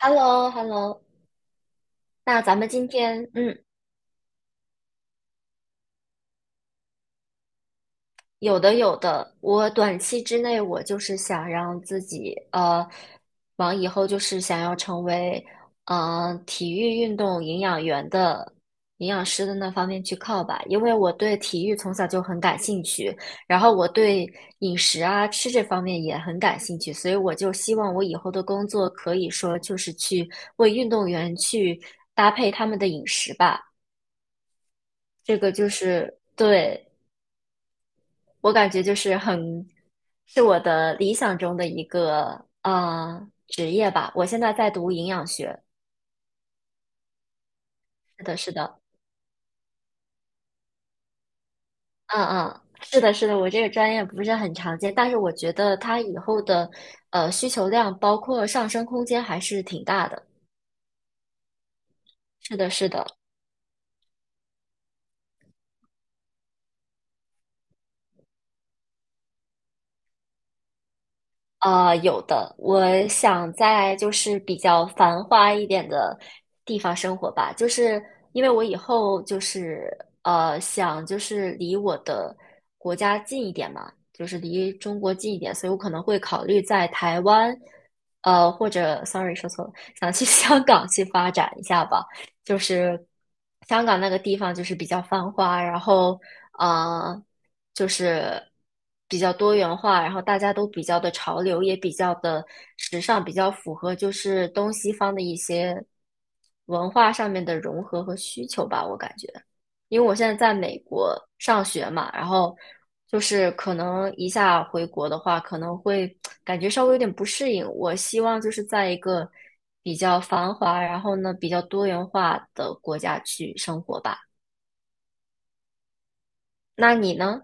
h e l l o h e l l o。 那咱们今天，有的有的，我短期之内我就是想让自己，往以后就是想要成为，体育运动营养员的营养师的那方面去靠吧，因为我对体育从小就很感兴趣，然后我对饮食啊吃这方面也很感兴趣，所以我就希望我以后的工作可以说就是去为运动员去搭配他们的饮食吧。这个就是对我感觉就是很是我的理想中的一个职业吧。我现在在读营养学，是的，是的，嗯嗯，是的，是的。我这个专业不是很常见，但是我觉得它以后的需求量包括上升空间还是挺大的。是的，是的。有的，我想在就是比较繁华一点的地方生活吧，就是因为我以后就是想就是离我的国家近一点嘛，就是离中国近一点，所以我可能会考虑在台湾，或者 sorry 说错了，想去 香港去发展一下吧，就是香港那个地方就是比较繁华，然后。呃。就是比较多元化，然后大家都比较的潮流，也比较的时尚，比较符合就是东西方的一些文化上面的融合和需求吧，我感觉。因为我现在在美国上学嘛，然后就是可能一下回国的话，可能会感觉稍微有点不适应。我希望就是在一个比较繁华，然后呢比较多元化的国家去生活吧。那你呢？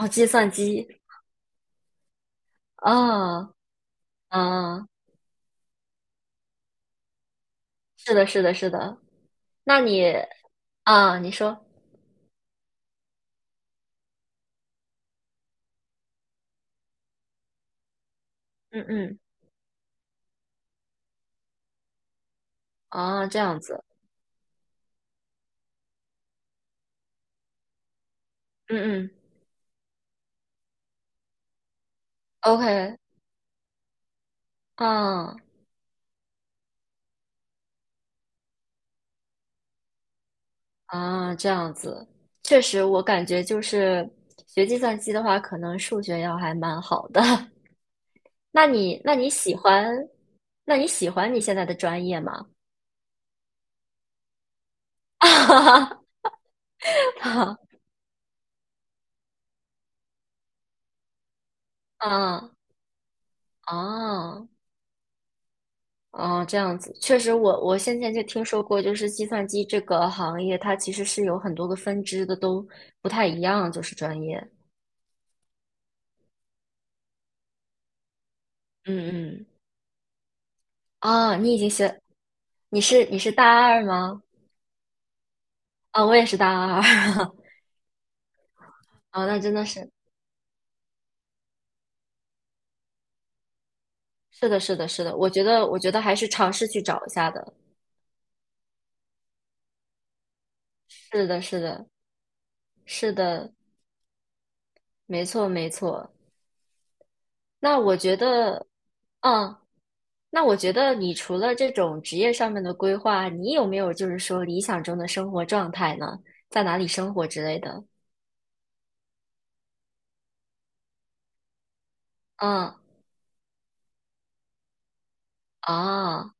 哦，计算机啊，嗯，是的，是的，是的。那你啊，你说，嗯嗯，啊，这样子，嗯嗯，OK，嗯啊，这样子，确实，我感觉就是学计算机的话，可能数学要还蛮好的。那你那你喜欢，那你喜欢你现在的专业吗？啊啊啊！哦，这样子，确实我，我先前就听说过，就是计算机这个行业，它其实是有很多个分支的，都不太一样，就是专业。嗯嗯，啊，你已经学，你是大二吗？啊，我也是大二。啊，那真的是，是的，是的，是的，我觉得，我觉得还是尝试去找一下的。是的，是的，是的，没错，没错。那我觉得，嗯，那我觉得你除了这种职业上面的规划，你有没有就是说理想中的生活状态呢？在哪里生活之类的？嗯，啊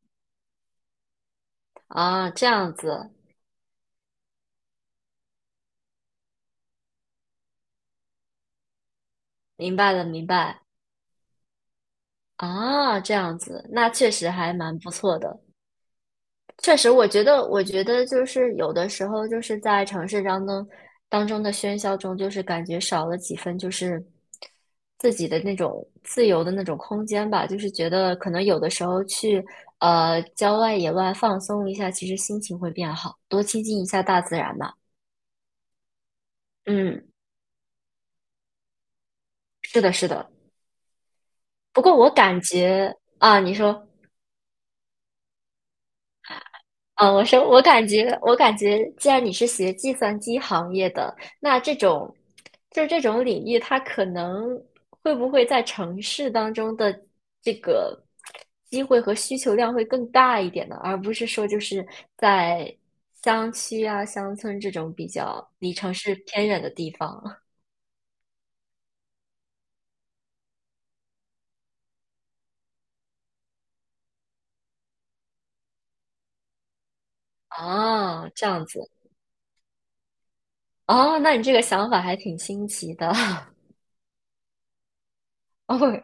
啊，这样子，明白了，明白啊，这样子，那确实还蛮不错的。确实，我觉得，我觉得就是有的时候，就是在城市当中的喧嚣中，就是感觉少了几分，就是自己的那种自由的那种空间吧。就是觉得可能有的时候去郊外野外放松一下，其实心情会变好，多亲近一下大自然吧。嗯，是的，是的。不过我感觉啊，你说。嗯，我说，我感觉，我感觉，既然你是学计算机行业的，那这种，就是这种领域，它可能会不会在城市当中的这个机会和需求量会更大一点呢？而不是说就是在乡区啊、乡村这种比较离城市偏远的地方 啊，这样子哦，那你这个想法还挺新奇的，哦，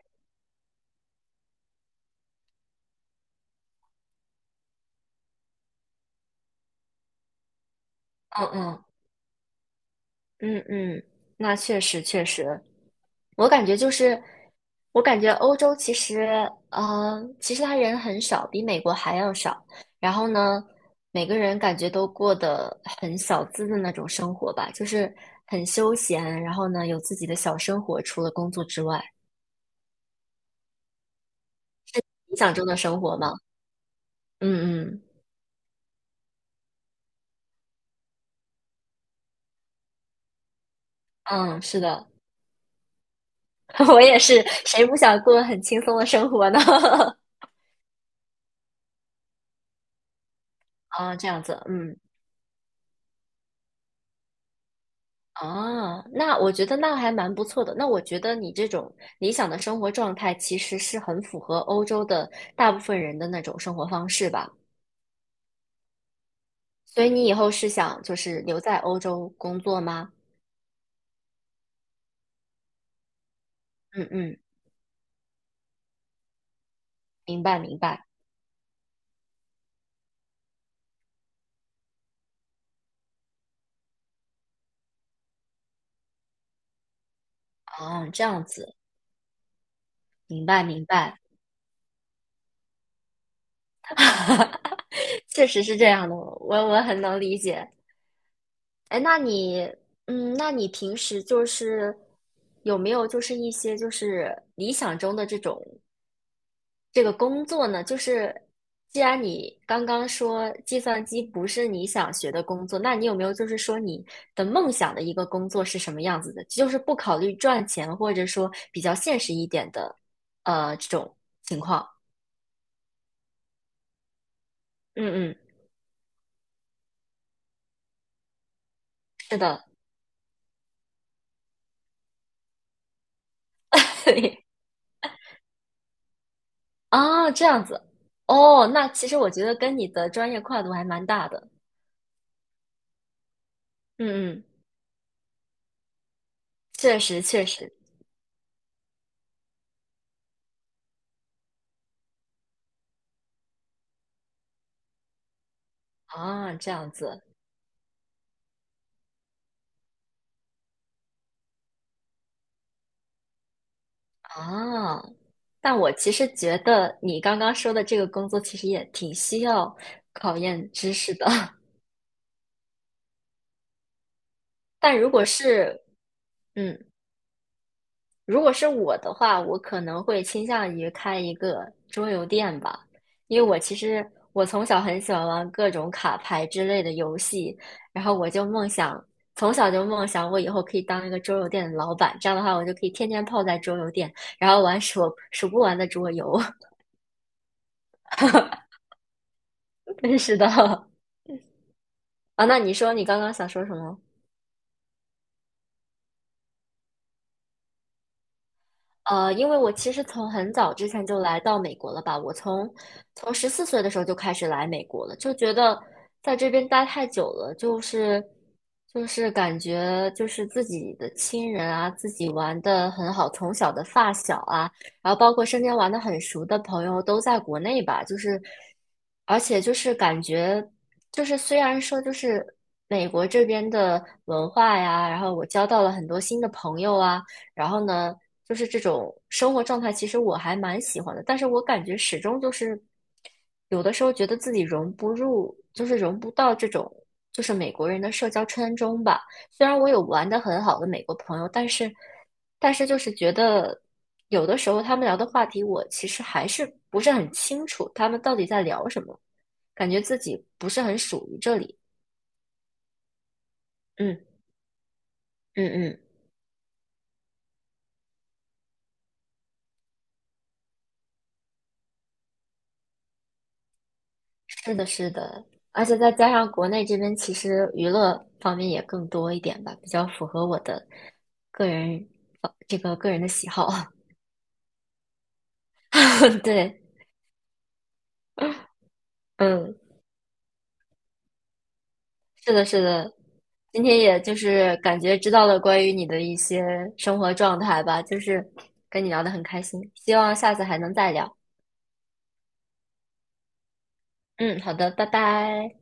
嗯嗯嗯嗯，那确实确实，我感觉就是，我感觉欧洲其实，其实他人很少，比美国还要少。然后呢，每个人感觉都过得很小资的那种生活吧，就是很休闲，然后呢，有自己的小生活，除了工作之外，理想中的生活嘛。嗯嗯嗯，是的，我也是，谁不想过很轻松的生活呢？啊，这样子，嗯。啊，那我觉得那还蛮不错的。那我觉得你这种理想的生活状态，其实是很符合欧洲的大部分人的那种生活方式吧。所以你以后是想就是留在欧洲工作吗？嗯嗯，明白明白。哦，这样子，明白明白。确实是这样的，我很能理解。哎，那你，嗯，那你平时就是有没有就是一些就是理想中的这种这个工作呢，就是既然你刚刚说计算机不是你想学的工作，那你有没有就是说你的梦想的一个工作是什么样子的？就是不考虑赚钱，或者说比较现实一点的，这种情况。嗯嗯，是的，对啊，这样子哦。那其实我觉得跟你的专业跨度还蛮大的。嗯嗯，确实确实啊，这样子啊。但我其实觉得你刚刚说的这个工作其实也挺需要考验知识的。但如果是，嗯，如果是我的话，我可能会倾向于开一个桌游店吧，因为我其实我从小很喜欢玩各种卡牌之类的游戏，然后我就梦想，从小就梦想我以后可以当一个桌游店的老板，这样的话我就可以天天泡在桌游店，然后玩数数不完的桌游。真是的 啊，那你说你刚刚想说什么？因为我其实从很早之前就来到美国了吧，我从14岁的时候就开始来美国了，就觉得在这边待太久了，就是就是感觉就是自己的亲人啊，自己玩的很好，从小的发小啊，然后包括身边玩的很熟的朋友都在国内吧，就是而且就是感觉就是虽然说就是美国这边的文化呀，然后我交到了很多新的朋友啊。然后呢，就是这种生活状态，其实我还蛮喜欢的。但是我感觉始终就是有的时候觉得自己融不入，就是融不到这种就是美国人的社交圈中吧。虽然我有玩的很好的美国朋友，但是就是觉得有的时候他们聊的话题，我其实还是不是很清楚他们到底在聊什么，感觉自己不是很属于这里。嗯嗯嗯。是的，是的，而且再加上国内这边其实娱乐方面也更多一点吧，比较符合我的个人这个个人的喜好。对，嗯，是的，是的。今天也就是感觉知道了关于你的一些生活状态吧，就是跟你聊的很开心，希望下次还能再聊。嗯，好的，拜拜。